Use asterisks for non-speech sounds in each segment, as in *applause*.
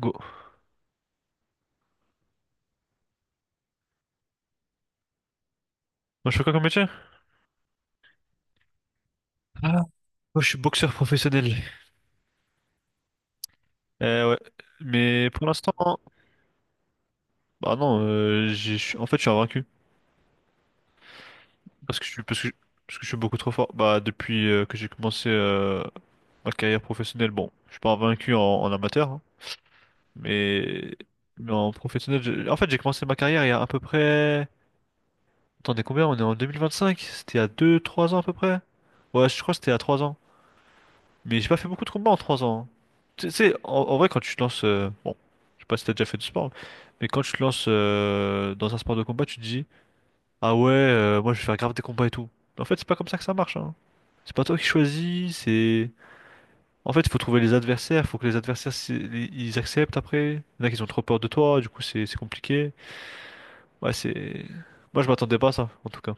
Go. Moi, je fais quoi comme métier? Ah. Moi, je suis boxeur professionnel. Ouais. Mais pour l'instant, bah non, en fait, je suis invaincu. Parce que je suis, parce que je, parce que je suis beaucoup trop fort. Bah, depuis que j'ai commencé ma carrière professionnelle, bon, je suis pas invaincu en amateur, hein, mais, mais en professionnel, en fait, j'ai commencé ma carrière il y a à peu près. Attendez, combien? On est en 2025? C'était il y a 2-3 ans à peu près? Ouais, je crois que c'était à 3 ans. Mais j'ai pas fait beaucoup de combats en 3 ans, hein. Tu sais, en vrai, quand tu te lances. Bon, je sais pas si t'as déjà fait du sport, mais quand tu te lances dans un sport de combat, tu te dis, ah ouais, moi je vais faire grave des combats et tout. Mais en fait, c'est pas comme ça que ça marche, hein. C'est pas toi qui choisis, c'est. En fait, il faut trouver les adversaires, faut que les ils acceptent après. Il y en a qui ont trop peur de toi, du coup c'est compliqué. Ouais, c'est. Moi je m'attendais pas à ça, en tout cas.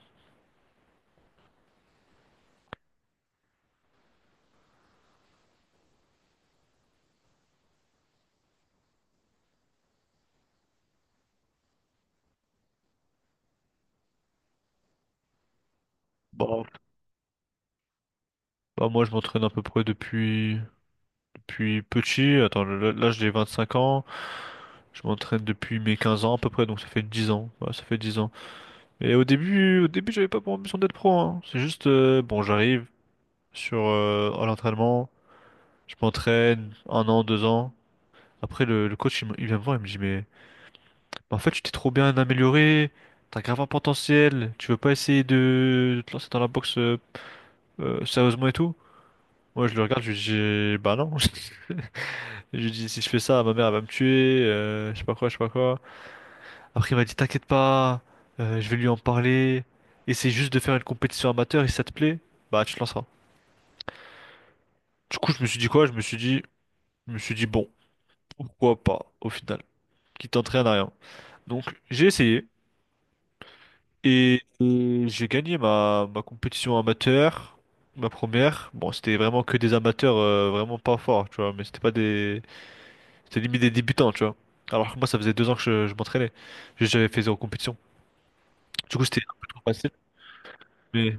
Bon. Bah, moi je m'entraîne à peu près depuis petit. Attends, là, j'ai cinq ans. Je m'entraîne depuis mes 15 ans à peu près, donc ça fait 10 ans. Ouais, ça fait 10 ans. Mais au début, j'avais pas pour ambition d'être pro, hein. C'est juste, bon, j'arrive sur à l'entraînement, je m'entraîne un an, deux ans. Après, le coach, il vient me voir, il me dit, mais en fait, tu t'es trop bien amélioré, t'as grave un potentiel, tu veux pas essayer de te lancer dans la boxe sérieusement et tout? Moi, je le regarde, je lui dis, bah non. *laughs* Je lui dis, si je fais ça, ma mère, elle va me tuer, je sais pas quoi, je sais pas quoi. Après, il m'a dit, t'inquiète pas, je vais lui en parler. Essaye juste de faire une compétition amateur et si ça te plaît, bah tu te lanceras. Du coup, je me suis dit quoi? Je me suis dit, bon, pourquoi pas au final, qui t'entraîne à rien. Donc, j'ai essayé et j'ai gagné ma compétition amateur, ma première. Bon, c'était vraiment que des amateurs, vraiment pas forts, tu vois, mais c'était pas des, c'était limite des débutants, tu vois. Alors que moi, ça faisait deux ans que je m'entraînais. Juste, j'avais fait zéro compétition. Du coup, c'était un peu trop facile, mais.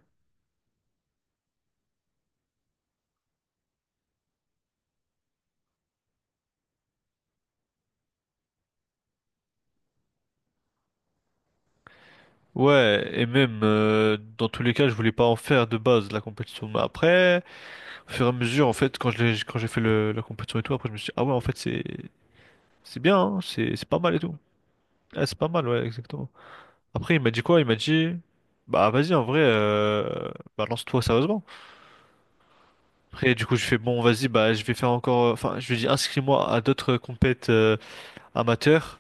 Ouais, et même dans tous les cas, je voulais pas en faire de base la compétition. Mais après, au fur et à mesure, en fait, quand j'ai fait la compétition et tout, après je me suis dit, ah ouais, en fait, c'est bien, hein, c'est pas mal et tout. Ah, c'est pas mal, ouais, exactement. Après, il m'a dit quoi? Il m'a dit, bah vas-y, en vrai, bah lance-toi sérieusement. Après, du coup, je fais bon, vas-y, bah je vais faire encore, enfin, je lui ai dit, inscris-moi à d'autres compètes amateurs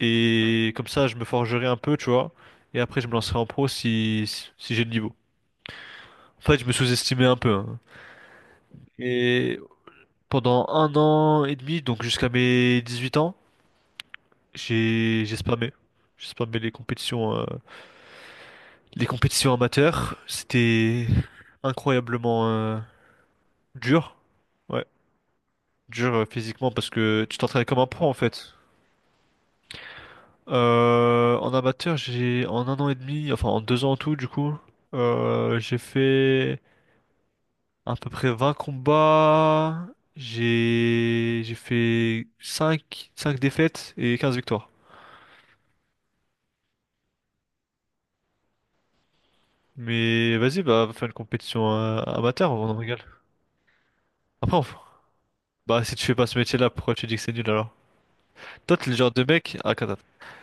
et comme ça, je me forgerai un peu, tu vois. Et après, je me lancerai en pro si j'ai le niveau. En fait, je me sous-estimais un peu, hein. Et pendant un an et demi, donc jusqu'à mes 18 ans, j'ai spammé. J'ai spammé les compétitions amateurs. C'était incroyablement dur. Ouais, dur physiquement parce que tu t'entraînes comme un pro en fait. En amateur, j'ai en un an et demi, enfin en deux ans en tout du coup, j'ai fait à peu près 20 combats. J'ai fait cinq défaites et 15 victoires. Mais vas-y, bah va faire une compétition amateur, on en régale. Après, on... bah si tu fais pas ce métier-là, pourquoi tu dis que c'est nul alors? Toi, t'es le genre de mec, ah, attends, attends.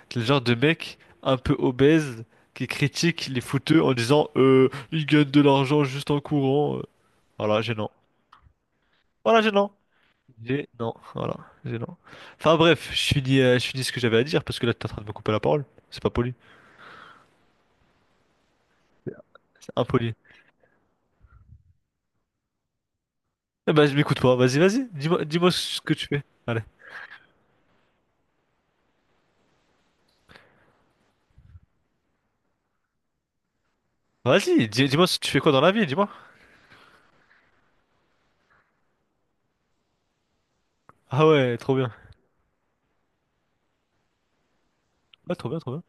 T'es le genre de mec un peu obèse qui critique les fouteux en disant ils gagnent de l'argent juste en courant. Voilà, gênant. Voilà, gênant. G, non, voilà, G, non. Enfin bref, je finis ce que j'avais à dire parce que là t'es en train de me couper la parole. C'est pas poli, c'est impoli. Eh ben je m'écoute pas, vas-y, vas-y, dis-moi, dis-moi ce que tu fais. Allez, vas-y, dis, moi ce que tu fais quoi dans la vie, dis-moi. Ah ouais, trop bien. Ouais, trop bien, trop bien.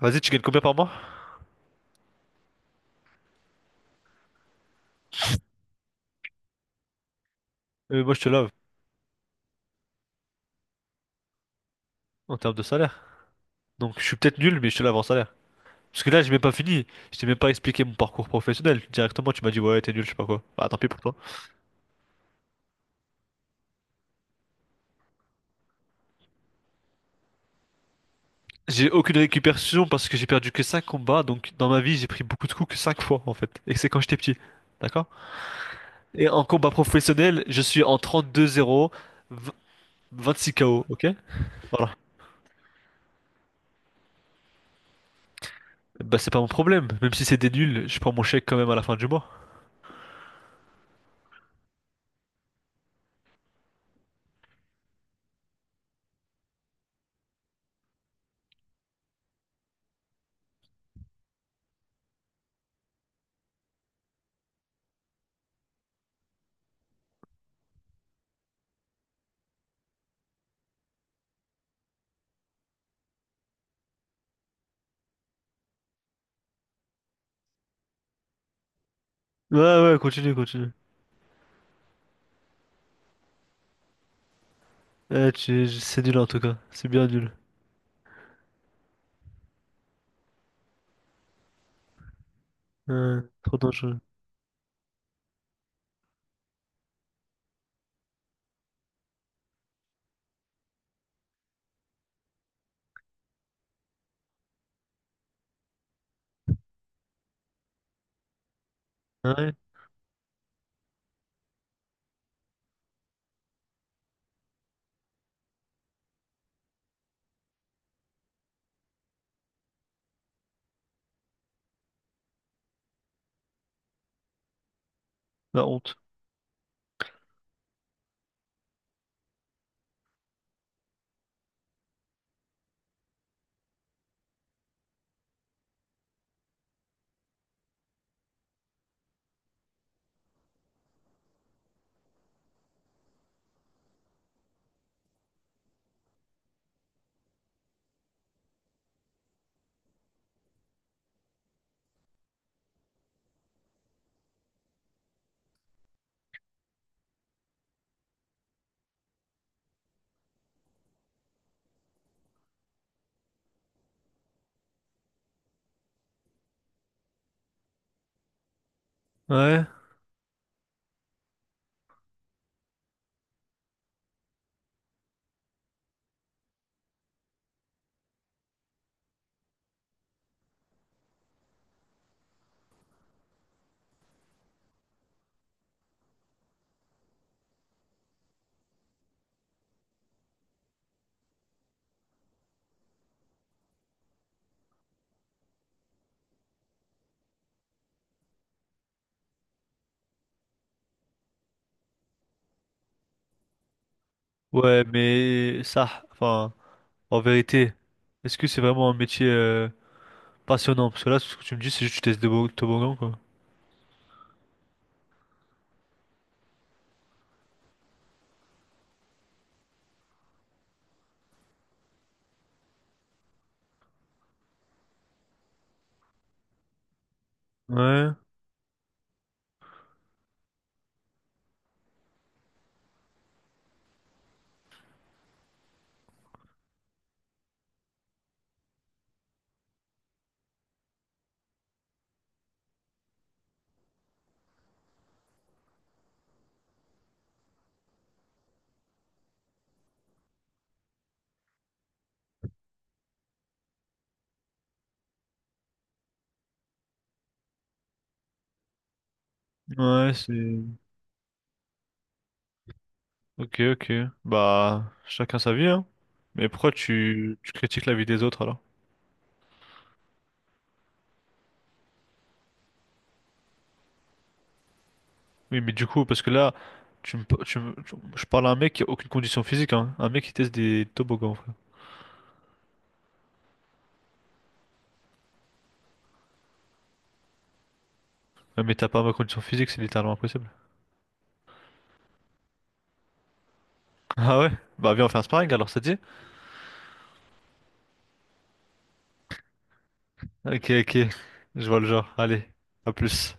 Vas-y, tu gagnes combien par mois? Moi je te lave en termes de salaire. Donc je suis peut-être nul, mais je te lave en salaire. Parce que là j'ai même pas fini, je t'ai même pas expliqué mon parcours professionnel. Directement tu m'as dit ouais t'es nul, je sais pas quoi. Bah tant pis pour toi. J'ai aucune récupération parce que j'ai perdu que 5 combats, donc dans ma vie j'ai pris beaucoup de coups que 5 fois en fait, et que c'est quand j'étais petit, d'accord? Et en combat professionnel, je suis en trente deux zéro v- 26 KO, ok? Voilà. Bah c'est pas mon problème, même si c'est des nuls, je prends mon chèque quand même à la fin du mois. Ouais ouais, continue, continue. Eh, c'est nul en tout cas, c'est bien nul. Ouais, trop dangereux. Ah ouais, la honte. Ouais, ouais, mais ça, enfin, en vérité, est-ce que c'est vraiment un métier... passionnant, parce que là, ce que tu me dis, c'est juste que tu testes des toboggans, quoi. Ouais, ouais, c'est... Ok, ok. Bah, chacun sa vie, hein. Mais pourquoi tu critiques la vie des autres, alors? Oui, mais du coup, parce que là, tu me, pa- tu me- tu- je parle à un mec qui a aucune condition physique, hein. Un mec qui teste des toboggans, frère. Ouais, mais t'as pas ma condition physique, c'est littéralement impossible. Ah ouais? Bah, viens, on fait un sparring, alors, ça te dit? Ok, ok. Je vois le genre. Allez, à plus.